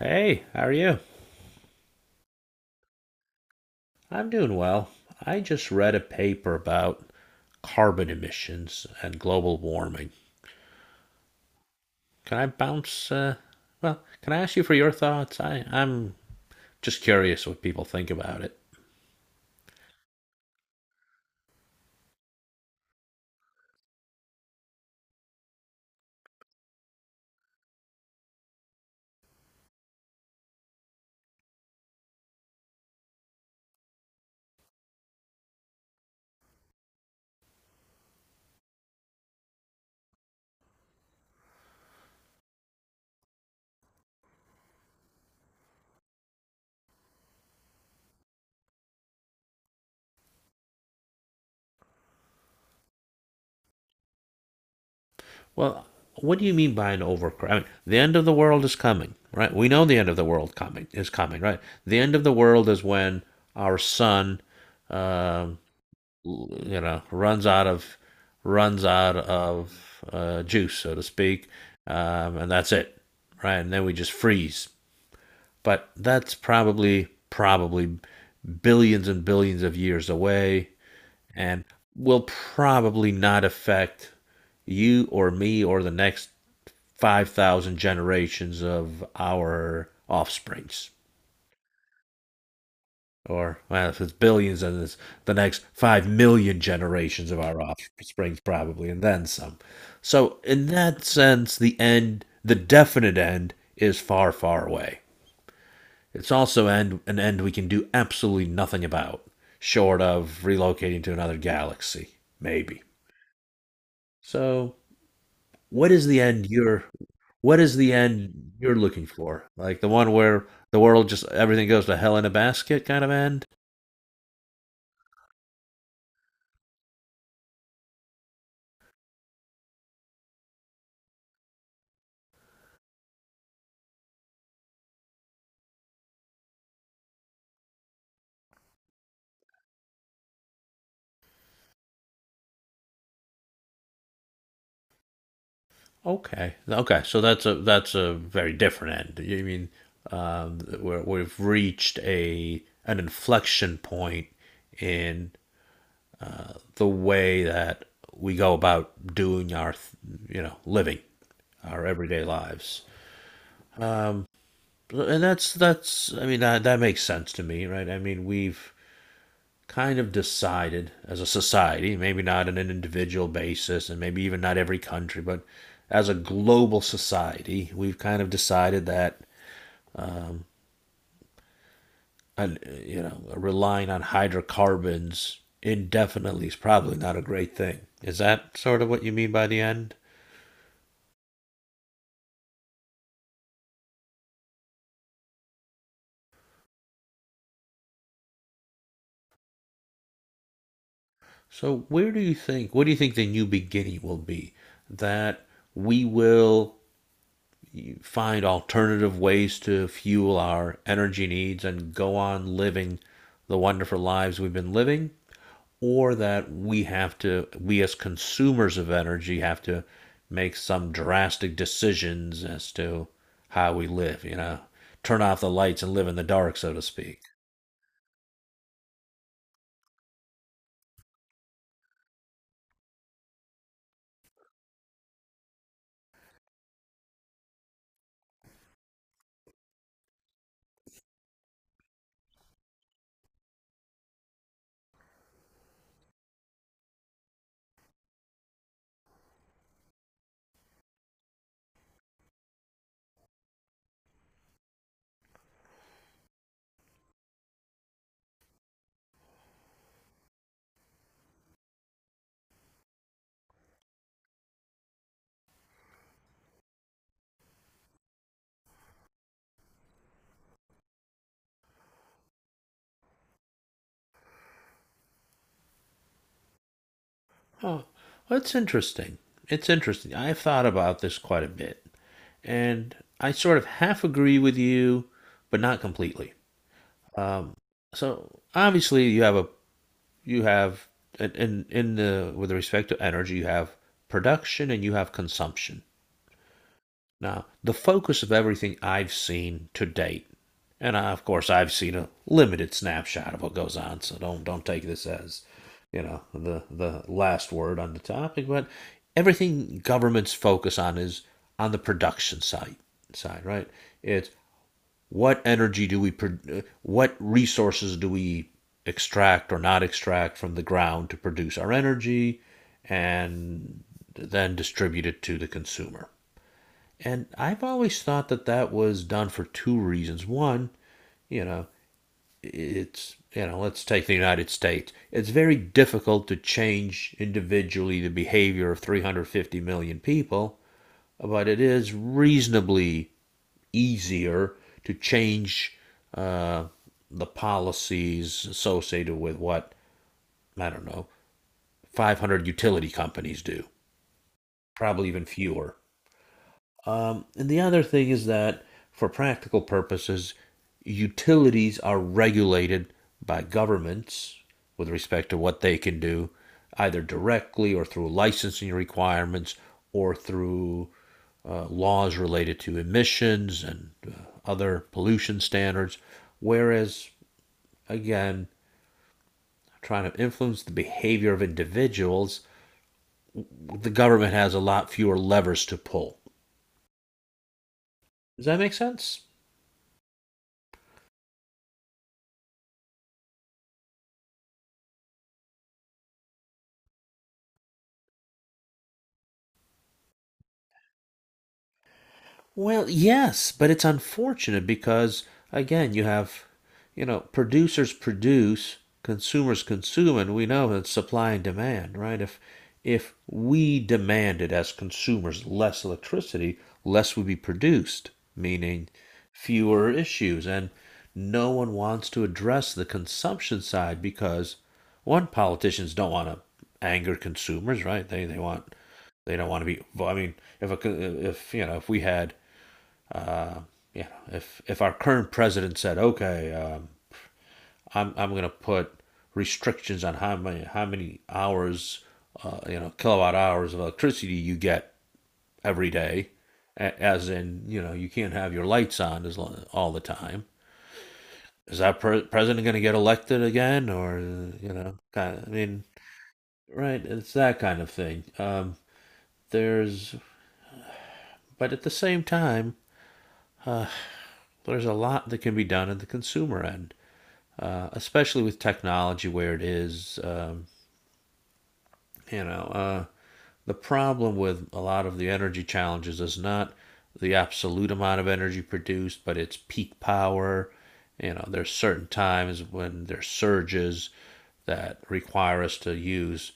Hey, how are you? I'm doing well. I just read a paper about carbon emissions and global warming. Can I bounce? Uh, can I ask you for your thoughts? I'm just curious what people think about it. Well, what do you mean by an overcrowd? I mean, the end of the world is coming, right? We know the end of the world coming is coming, right? The end of the world is when our sun um, you know runs out of juice, so to speak, and that's it, right? And then we just freeze. But that's probably billions and billions of years away, and will probably not affect you or me or the next 5,000 generations of our offsprings. Or well, if it's billions, then it's the next 5 million generations of our offspring, probably, and then some. So, in that sense, the end, the definite end, is far, far away. It's also end, an end we can do absolutely nothing about, short of relocating to another galaxy, maybe. So, what is the end you're, what is the end you're looking for? Like the one where the world just everything goes to hell in a basket kind of end? Okay. Okay. So that's a very different end. You mean where we've reached a an inflection point in the way that we go about doing our you know living our everyday lives. And that's I mean that that makes sense to me, right? I mean we've kind of decided as a society, maybe not on an individual basis and maybe even not every country, but as a global society, we've kind of decided that and you know relying on hydrocarbons indefinitely is probably not a great thing. Is that sort of what you mean by the end? So where do you think what do you think the new beginning will be? That we will find alternative ways to fuel our energy needs and go on living the wonderful lives we've been living or that we have to we as consumers of energy have to make some drastic decisions as to how we live you know turn off the lights and live in the dark so to speak. Oh, that's interesting. It's interesting. I have thought about this quite a bit and I sort of half agree with you but not completely. um, so obviously you have in the with respect to energy you have production and you have consumption. Now, the focus of everything I've seen to date, and I, of course I've seen a limited snapshot of what goes on, so don't take this as you know the last word on the topic, but everything governments focus on is on the production side, right? It's what energy do we what resources do we extract or not extract from the ground to produce our energy and then distribute it to the consumer, and I've always thought that that was done for two reasons. One, you know, it's, you know, let's take the United States. It's very difficult to change individually the behavior of 350 million people, but it is reasonably easier to change uh, the policies associated with what, I don't know, 500 utility companies do, probably even fewer. And the other thing is that, for practical purposes, utilities are regulated by governments with respect to what they can do, either directly or through licensing requirements or through laws related to emissions and other pollution standards. Whereas, again, trying to influence the behavior of individuals, the government has a lot fewer levers to pull. Does that make sense? Well, yes, but it's unfortunate because again, you have, you know, producers produce, consumers consume, and we know it's supply and demand, right? If we demanded as consumers less electricity, less would be produced, meaning fewer issues. And no one wants to address the consumption side because one, politicians don't want to anger consumers, right? They want they don't want to be. I mean, if a, if you know, if we had uh, you know, if our current president said, "Okay, I'm going to put restrictions on how many hours, you know, kilowatt hours of electricity you get every day," as in, you know, you can't have your lights on as long, all the time. Is that president going to get elected again, or you know, kind of, I mean, right? It's that kind of thing. There's, but at the same time, there's a lot that can be done at the consumer end especially with technology where it is. You know, uh, the problem with a lot of the energy challenges is not the absolute amount of energy produced, but it's peak power. You know, there's certain times when there's surges that require us to use,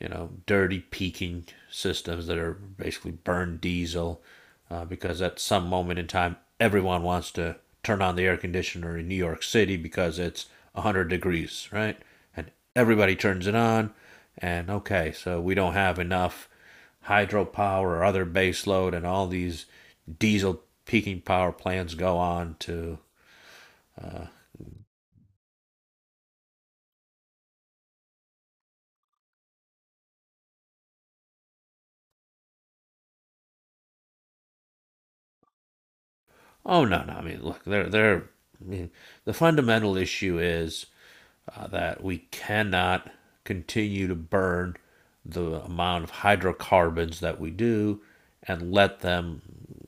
you know, dirty peaking systems that are basically burned diesel, because at some moment in time, everyone wants to turn on the air conditioner in New York City because it's 100 degrees, right? And everybody turns it on. And okay, so we don't have enough hydropower or other base load, and all these diesel peaking power plants go on to. Oh no, no. I mean, look, they're they're. I mean, the fundamental issue is that we cannot continue to burn the amount of hydrocarbons that we do and let them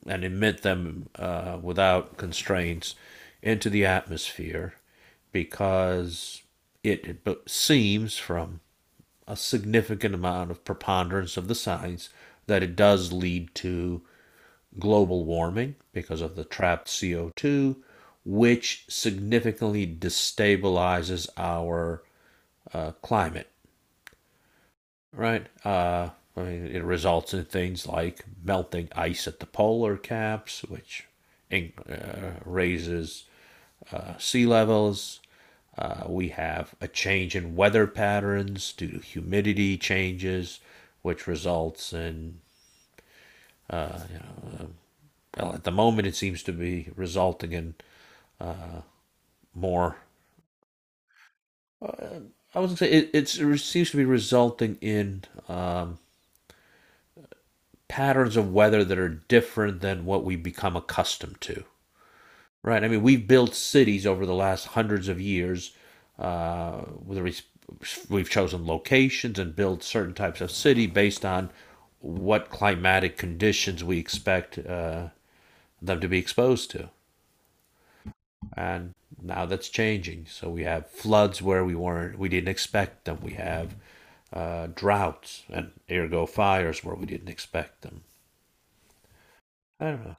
and emit them without constraints into the atmosphere because it, seems from a significant amount of preponderance of the science that it does lead to global warming because of the trapped CO2, which significantly destabilizes our climate, right? I mean, it results in things like melting ice at the polar caps, which raises sea levels. We have a change in weather patterns due to humidity changes, which results in, well, at the moment, it seems to be resulting in more. I was gonna say it, it seems to be resulting in um, patterns of weather that are different than what we become accustomed to. Right? I mean, we've built cities over the last hundreds of years. Uh, we've chosen locations and built certain types of city based on what climatic conditions we expect them to be exposed to. And now that's changing. So we have floods where we didn't expect them. We have droughts and ergo fires where we didn't expect them. I don't know.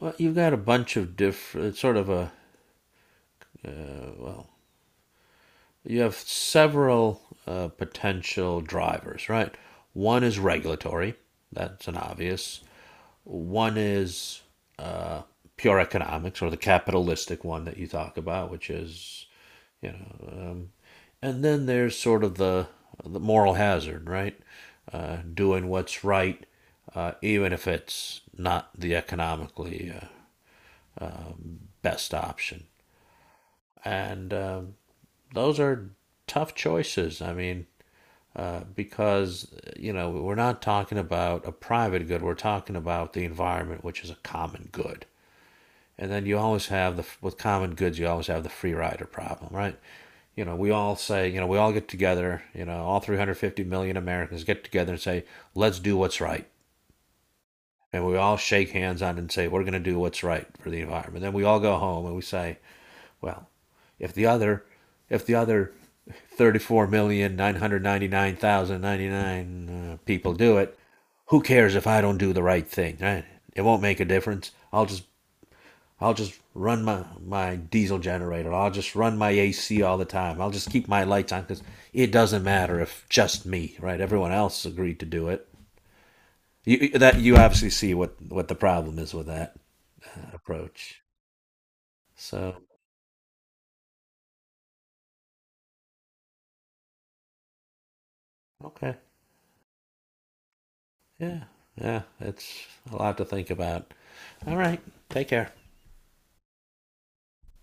Well, you've got a bunch of different, sort of a, well, You have several potential drivers, right? One is regulatory, that's an obvious. One is uh, pure economics, or the capitalistic one that you talk about, which is, you know, um, And then there's sort of the moral hazard, right? Doing what's right, even if it's not the economically best option. And Those are tough choices. I mean, because you know we're not talking about a private good; we're talking about the environment, which is a common good. And then you always have the with common goods, you always have the free rider problem, right? You know, we all say, you know, we all get together, you know, all 350 million Americans get together and say, let's do what's right. And we all shake hands on it and say, we're going to do what's right for the environment. Then we all go home and we say, well, if the other, if the other 34,999,099 people do it, who cares if I don't do the right thing, right? It won't make a difference. I'll just run my diesel generator. I'll just run my AC all the time. I'll just keep my lights on because it doesn't matter if just me, right? Everyone else agreed to do it. That you obviously see what the problem is with that approach. So okay, yeah, yeah, it's a lot to think about. All right, take care.